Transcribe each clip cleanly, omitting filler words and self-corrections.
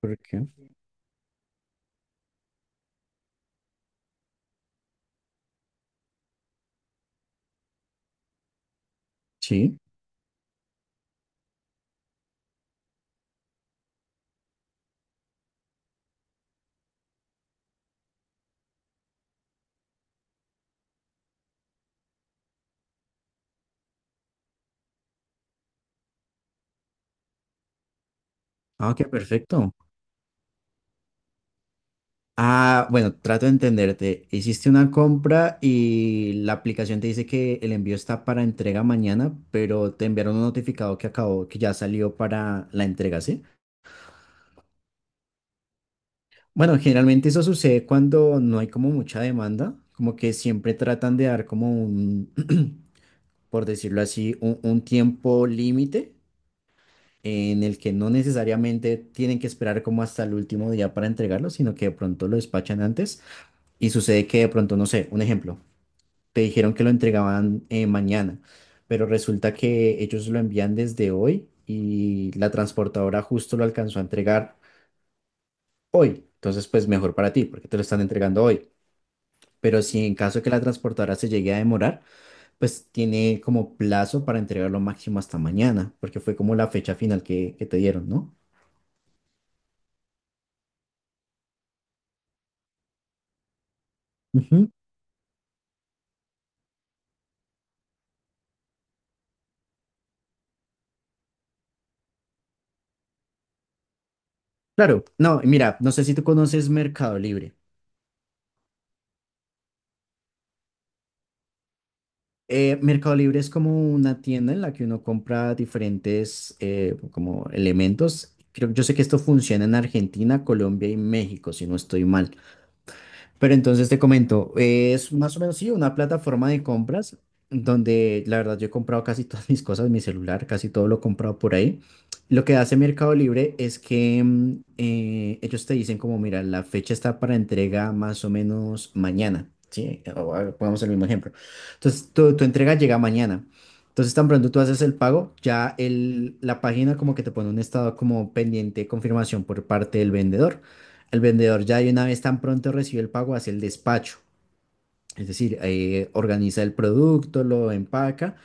¿Por qué? Sí. Ah, ok, perfecto. Ah, bueno, trato de entenderte. Hiciste una compra y la aplicación te dice que el envío está para entrega mañana, pero te enviaron un notificado que acabó, que ya salió para la entrega, ¿sí? Bueno, generalmente eso sucede cuando no hay como mucha demanda, como que siempre tratan de dar como un, por decirlo así, un tiempo límite en el que no necesariamente tienen que esperar como hasta el último día para entregarlo, sino que de pronto lo despachan antes. Y sucede que de pronto, no sé, un ejemplo, te dijeron que lo entregaban mañana, pero resulta que ellos lo envían desde hoy y la transportadora justo lo alcanzó a entregar hoy. Entonces, pues mejor para ti, porque te lo están entregando hoy. Pero si en caso de que la transportadora se llegue a demorar, pues tiene como plazo para entregarlo máximo hasta mañana, porque fue como la fecha final que te dieron, ¿no? Ujú. Claro, no, mira, no sé si tú conoces Mercado Libre. Mercado Libre es como una tienda en la que uno compra diferentes como elementos. Creo, yo sé que esto funciona en Argentina, Colombia y México, si no estoy mal. Pero entonces te comento, es más o menos sí, una plataforma de compras donde la verdad yo he comprado casi todas mis cosas, mi celular, casi todo lo he comprado por ahí. Lo que hace Mercado Libre es que ellos te dicen como, mira, la fecha está para entrega más o menos mañana, ¿sí? O, ah, pongamos el mismo ejemplo. Entonces tu entrega llega mañana. Entonces tan pronto tú haces el pago, ya la página como que te pone un estado como pendiente de confirmación por parte del vendedor al vendedor ya de una vez tan pronto recibió el pago hacia el despacho. Es decir, organiza el producto, lo empaca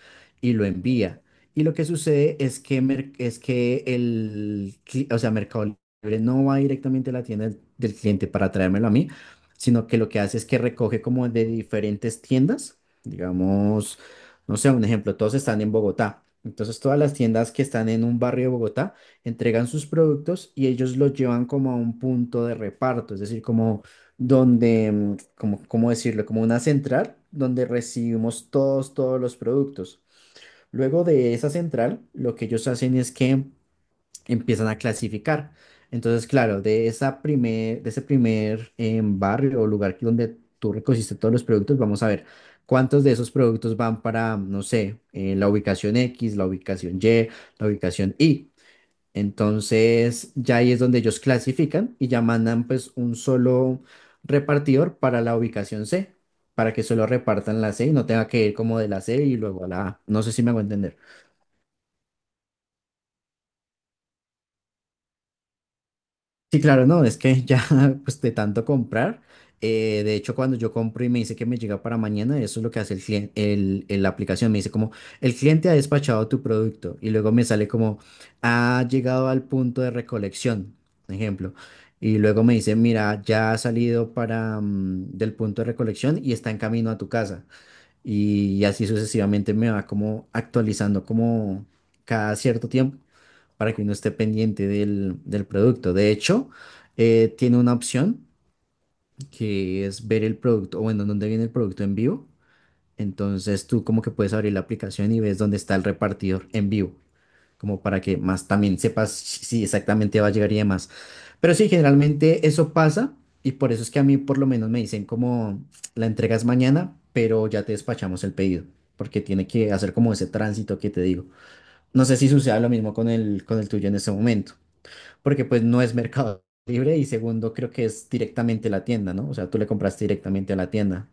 y lo envía. Y lo que sucede es que, es que o sea, Mercado Libre no va directamente a la tienda del cliente para traérmelo a mí, sino que lo que hace es que recoge como de diferentes tiendas. Digamos, no sé, un ejemplo, todos están en Bogotá. Entonces, todas las tiendas que están en un barrio de Bogotá entregan sus productos y ellos los llevan como a un punto de reparto, es decir, como donde, como, ¿cómo decirlo? Como una central donde recibimos todos los productos. Luego de esa central, lo que ellos hacen es que empiezan a clasificar. Entonces, claro, de ese primer barrio o lugar donde tú recogiste todos los productos, vamos a ver cuántos de esos productos van para, no sé, la ubicación X, la ubicación Y. Entonces, ya ahí es donde ellos clasifican y ya mandan pues un solo repartidor para la ubicación C, para que solo repartan la C y no tenga que ir como de la C y luego a la A. No sé si me hago entender. Sí, claro, no, es que ya pues de tanto comprar, de hecho cuando yo compro y me dice que me llega para mañana, eso es lo que hace el cliente, la aplicación, me dice como, el cliente ha despachado tu producto y luego me sale como, ha llegado al punto de recolección, por ejemplo, y luego me dice, mira, ya ha salido para, del punto de recolección y está en camino a tu casa y así sucesivamente me va como actualizando como cada cierto tiempo para que uno esté pendiente del producto. De hecho, tiene una opción que es ver el producto, o bueno, dónde viene el producto en vivo. Entonces tú como que puedes abrir la aplicación y ves dónde está el repartidor en vivo como para que más también sepas si exactamente va a llegar y demás. Pero sí, generalmente eso pasa y por eso es que a mí por lo menos me dicen como la entregas mañana, pero ya te despachamos el pedido, porque tiene que hacer como ese tránsito que te digo. No sé si suceda lo mismo con el tuyo en este momento, porque pues no es Mercado Libre y segundo creo que es directamente la tienda, ¿no? O sea, tú le compraste directamente a la tienda,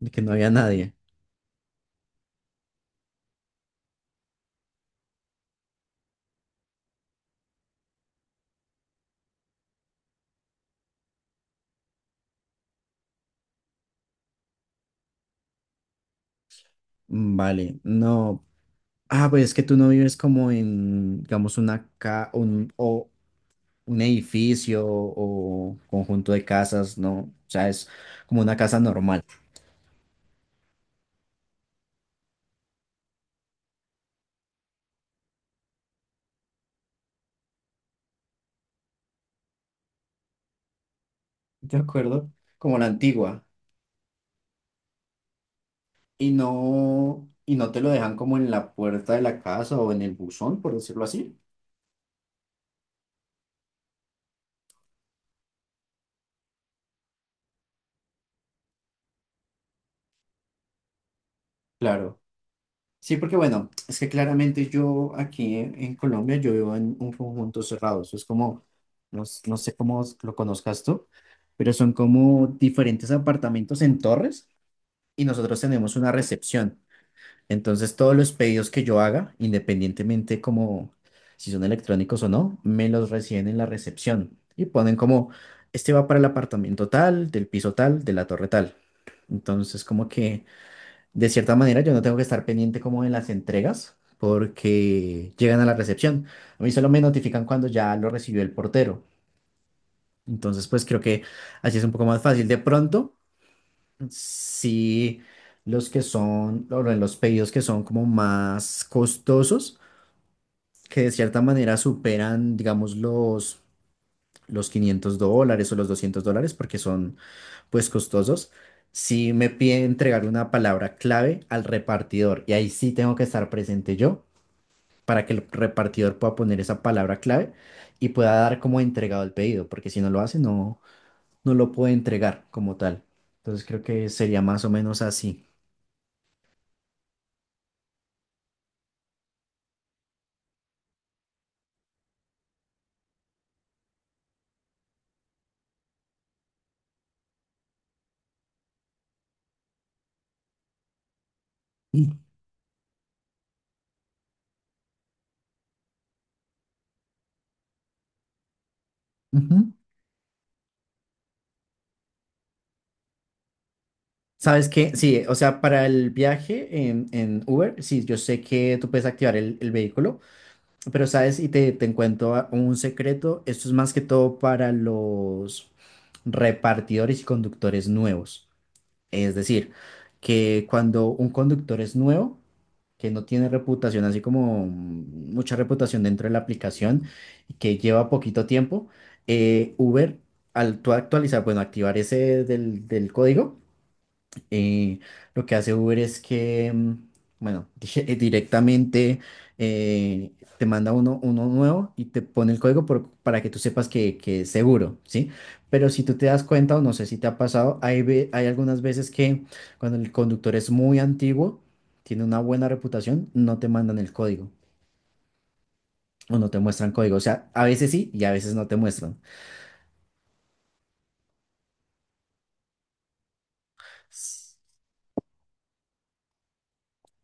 de que no había nadie. Vale, no. Ah, pues es que tú no vives como en, digamos, una ca un, o un edificio o conjunto de casas, ¿no? O sea, es como una casa normal, ¿de acuerdo? Como la antigua. Y no te lo dejan como en la puerta de la casa o en el buzón, por decirlo así. Claro. Sí, porque bueno, es que claramente yo aquí en Colombia, yo vivo en un conjunto cerrado. Eso es como, no, no sé cómo lo conozcas tú, pero son como diferentes apartamentos en torres y nosotros tenemos una recepción. Entonces, todos los pedidos que yo haga, independientemente como si son electrónicos o no, me los reciben en la recepción y ponen como, este va para el apartamento tal, del piso tal, de la torre tal. Entonces, como que de cierta manera yo no tengo que estar pendiente como de las entregas porque llegan a la recepción. A mí solo me notifican cuando ya lo recibió el portero. Entonces, pues creo que así es un poco más fácil. De pronto, sí, los que son, o bueno, los pedidos que son como más costosos, que de cierta manera superan, digamos, los $500 o los $200, porque son, pues, costosos. Sí me pide entregar una palabra clave al repartidor y ahí sí tengo que estar presente yo para que el repartidor pueda poner esa palabra clave y pueda dar como entregado el pedido, porque si no lo hace, no, no lo puede entregar como tal. Entonces creo que sería más o menos así. Ujú. ¿Sabes qué? Sí, o sea, para el viaje en Uber, sí, yo sé que tú puedes activar el vehículo, pero sabes, y te cuento un secreto, esto es más que todo para los repartidores y conductores nuevos. Es decir, que cuando un conductor es nuevo, que no tiene reputación, así como mucha reputación dentro de la aplicación, y que lleva poquito tiempo, Uber, al tú actualizar, bueno, activar ese del código, eh, lo que hace Uber es que, bueno, directamente eh, te manda uno nuevo y te pone el código para que tú sepas que es seguro, ¿sí? Pero si tú te das cuenta, o no sé si te ha pasado, hay algunas veces que cuando el conductor es muy antiguo, tiene una buena reputación, no te mandan el código o no te muestran código. O sea, a veces sí y a veces no te muestran.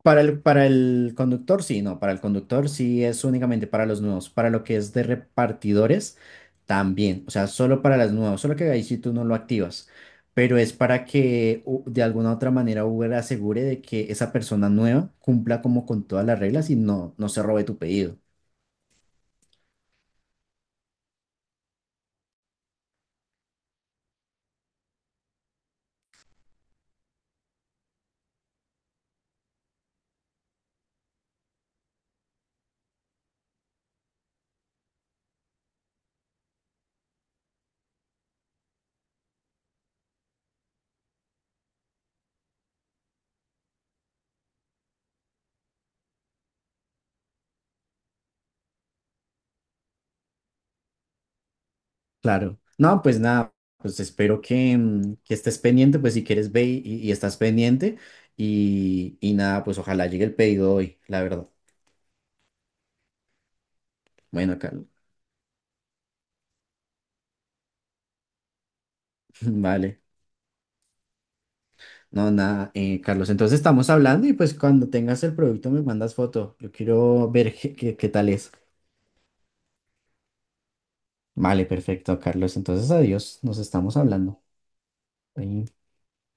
Para el conductor, sí, no, para el conductor sí es únicamente para los nuevos, para lo que es de repartidores también, o sea, solo para las nuevas, solo que ahí sí tú no lo activas, pero es para que de alguna otra manera Uber asegure de que esa persona nueva cumpla como con todas las reglas y no, no se robe tu pedido. Claro. No, pues nada, pues espero que, que estés pendiente, pues si quieres ve y estás pendiente y nada, pues ojalá llegue el pedido hoy, la verdad. Bueno, Carlos, vale. No, nada, Carlos. Entonces estamos hablando y pues cuando tengas el producto me mandas foto. Yo quiero ver qué, qué tal es. Vale, perfecto, Carlos. Entonces adiós, nos estamos hablando. Ahí